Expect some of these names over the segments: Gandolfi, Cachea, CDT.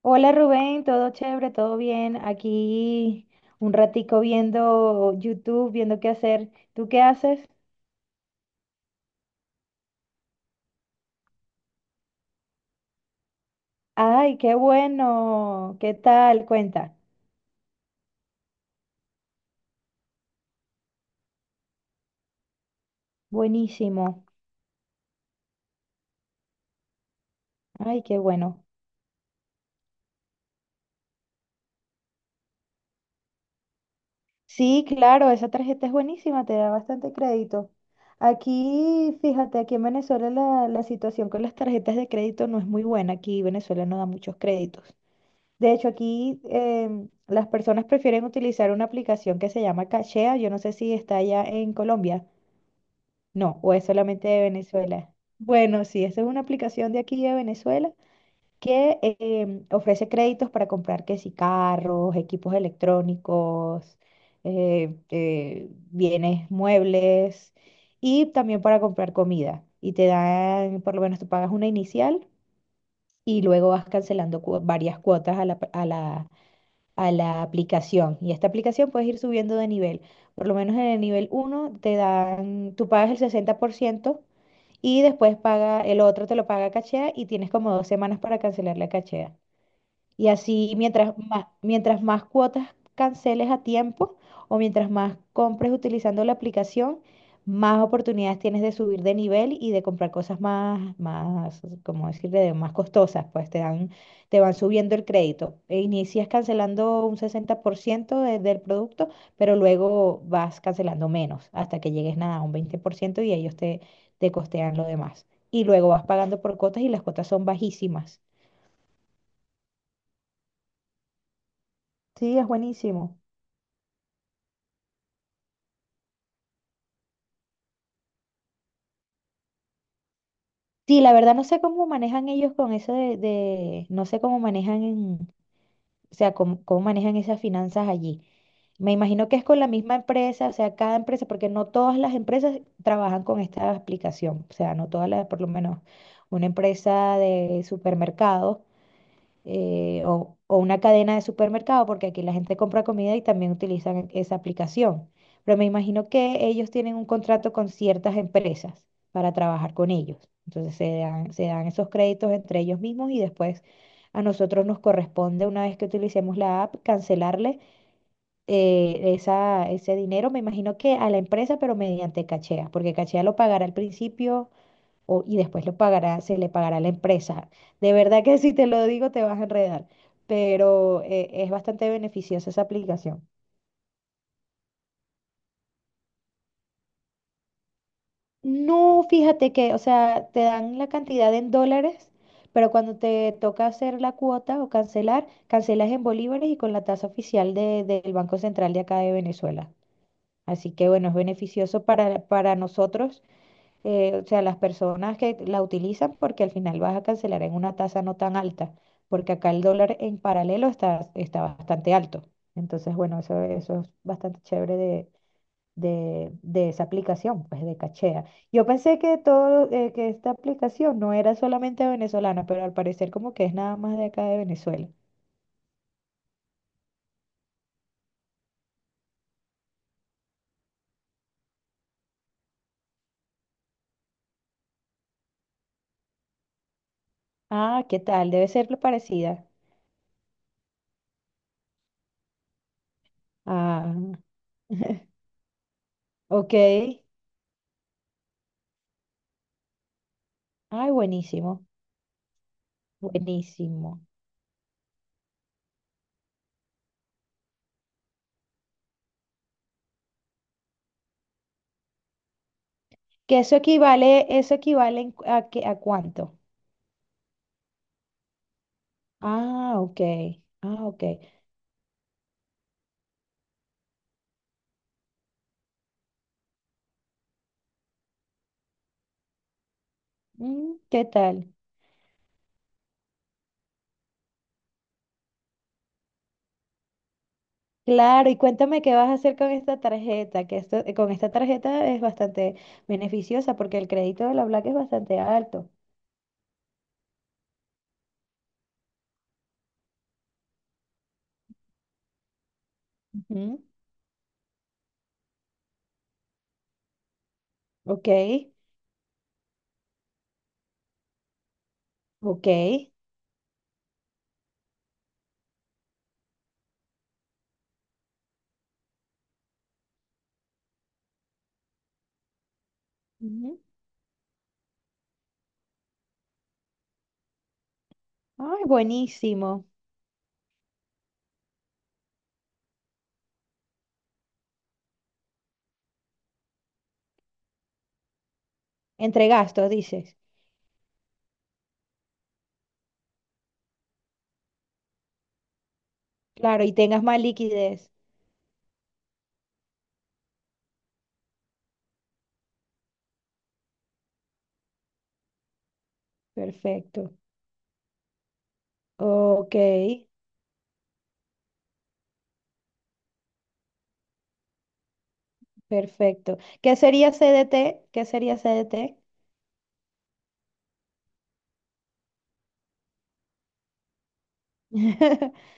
Hola Rubén, todo chévere, todo bien. Aquí un ratico viendo YouTube, viendo qué hacer. ¿Tú qué haces? Ay, qué bueno. ¿Qué tal? Cuenta. Buenísimo. Ay, qué bueno. Sí, claro, esa tarjeta es buenísima, te da bastante crédito. Aquí, fíjate, aquí en Venezuela la situación con las tarjetas de crédito no es muy buena. Aquí Venezuela no da muchos créditos. De hecho, aquí las personas prefieren utilizar una aplicación que se llama Cachea. Yo no sé si está allá en Colombia. No, o es solamente de Venezuela. Bueno, sí, esa es una aplicación de aquí de Venezuela que ofrece créditos para comprar que sí, carros, equipos electrónicos, bienes muebles y también para comprar comida. Y te dan, por lo menos tú pagas una inicial y luego vas cancelando varias cuotas a la aplicación. Y esta aplicación puedes ir subiendo de nivel. Por lo menos en el nivel uno te dan, tú pagas el 60% y después paga, el otro te lo paga cachea y tienes como 2 semanas para cancelar la cachea. Y así, mientras más cuotas canceles a tiempo o mientras más compres utilizando la aplicación, más oportunidades tienes de subir de nivel y de comprar cosas más, más, como decirle, de más costosas, pues te dan, te van subiendo el crédito. E inicias cancelando un 60% del producto, pero luego vas cancelando menos hasta que llegues nada, a un 20% y ellos te, te costean lo demás. Y luego vas pagando por cuotas y las cuotas son bajísimas. Sí, es buenísimo. Sí, la verdad no sé cómo manejan ellos con eso no sé cómo manejan, o sea, cómo, cómo manejan esas finanzas allí. Me imagino que es con la misma empresa, o sea, cada empresa, porque no todas las empresas trabajan con esta aplicación, o sea, no todas las, por lo menos una empresa de supermercados o una cadena de supermercado, porque aquí la gente compra comida y también utilizan esa aplicación. Pero me imagino que ellos tienen un contrato con ciertas empresas para trabajar con ellos. Entonces se dan esos créditos entre ellos mismos y después a nosotros nos corresponde, una vez que utilicemos la app, cancelarle esa, ese dinero, me imagino que a la empresa, pero mediante cachea, porque cachea lo pagará al principio y después lo pagará, se le pagará a la empresa. De verdad que si te lo digo te vas a enredar, pero es bastante beneficiosa esa aplicación. No, fíjate que, o sea, te dan la cantidad en dólares, pero cuando te toca hacer la cuota o cancelar, cancelas en bolívares y con la tasa oficial del Banco Central de acá de Venezuela. Así que bueno, es beneficioso para nosotros o sea, las personas que la utilizan porque al final vas a cancelar en una tasa no tan alta, porque acá el dólar en paralelo está, está bastante alto. Entonces, bueno, eso es bastante chévere de esa aplicación, pues de Cachea. Yo pensé que todo, que esta aplicación no era solamente venezolana, pero al parecer como que es nada más de acá de Venezuela. Ah, ¿qué tal? Debe ser parecida. Ah, ok. Ay, buenísimo, buenísimo. Que eso equivale a, a cuánto. Ah, ok. Ah, ok. Mm, ¿qué tal? Claro, y cuéntame qué vas a hacer con esta tarjeta, que esto, con esta tarjeta es bastante beneficiosa porque el crédito de la Black es bastante alto. Ujú. Ok, ok. Ujú. Ay, buenísimo. Entre gastos, dices. Claro, y tengas más liquidez. Perfecto. Ok, perfecto. ¿Qué sería CDT? ¿Qué sería CDT?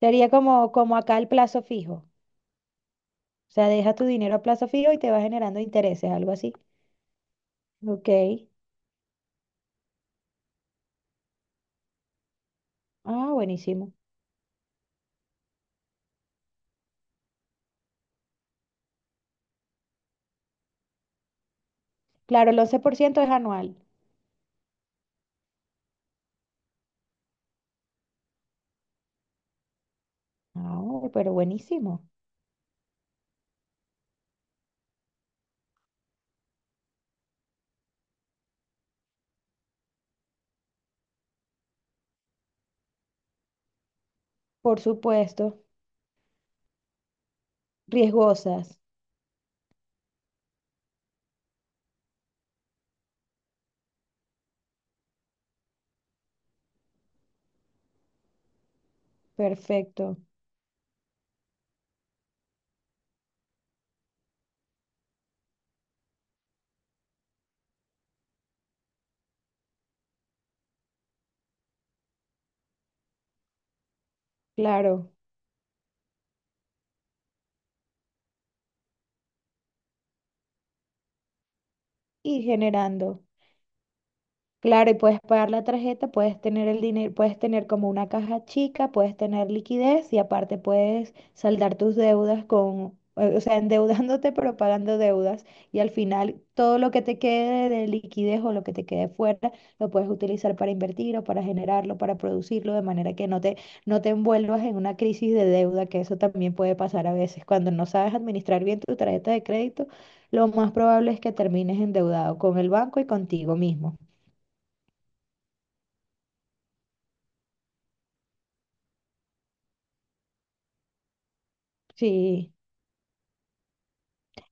Sería como, como acá el plazo fijo. O sea, deja tu dinero a plazo fijo y te va generando intereses, algo así. Ok. Ah, buenísimo. Claro, el 11% es anual. Ah, ok, pero buenísimo. Por supuesto. Riesgosas. Perfecto. Claro. Y generando. Claro, y puedes pagar la tarjeta, puedes tener el dinero, puedes tener como una caja chica, puedes tener liquidez y aparte puedes saldar tus deudas con, o sea, endeudándote pero pagando deudas y al final todo lo que te quede de liquidez o lo que te quede fuera lo puedes utilizar para invertir o para generarlo, para producirlo de manera que no te, no te envuelvas en una crisis de deuda, que eso también puede pasar a veces. Cuando no sabes administrar bien tu tarjeta de crédito, lo más probable es que termines endeudado con el banco y contigo mismo. Sí,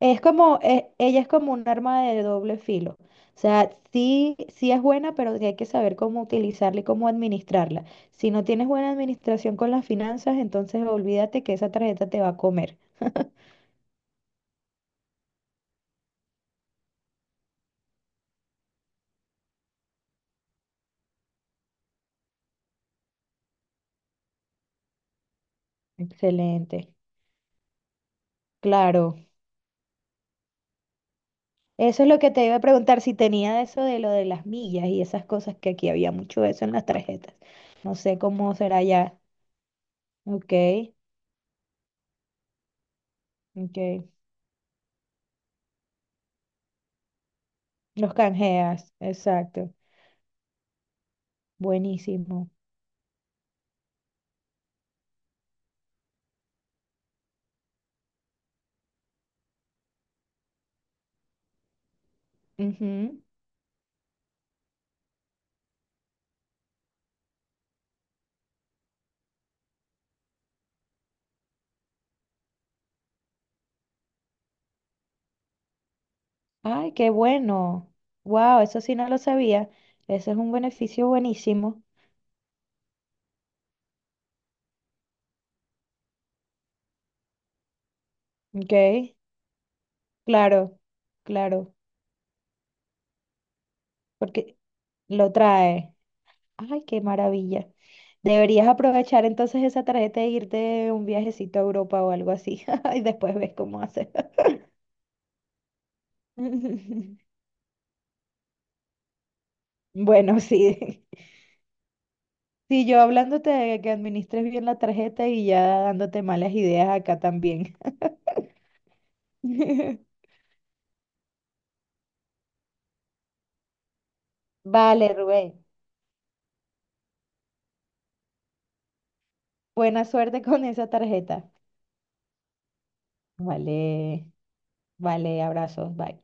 es como, ella es como un arma de doble filo. O sea, sí, sí es buena, pero sí hay que saber cómo utilizarla y cómo administrarla. Si no tienes buena administración con las finanzas, entonces olvídate que esa tarjeta te va a comer. Excelente. Claro. Eso es lo que te iba a preguntar, si tenía eso de lo de las millas y esas cosas, que aquí había mucho de eso en las tarjetas. No sé cómo será ya. Ok, ok. Los canjeas, exacto. Buenísimo. Ujú. Ay, qué bueno. Wow, eso sí no lo sabía. Ese es un beneficio buenísimo. Ok, claro, claro, porque lo trae. Ay, qué maravilla. Deberías aprovechar entonces esa tarjeta e irte un viajecito a Europa o algo así. Y después ves cómo haces. Bueno, sí. Sí, yo hablándote de que administres bien la tarjeta y ya dándote malas ideas acá también. Vale, Rubén. Buena suerte con esa tarjeta. Vale, vale, abrazos, bye.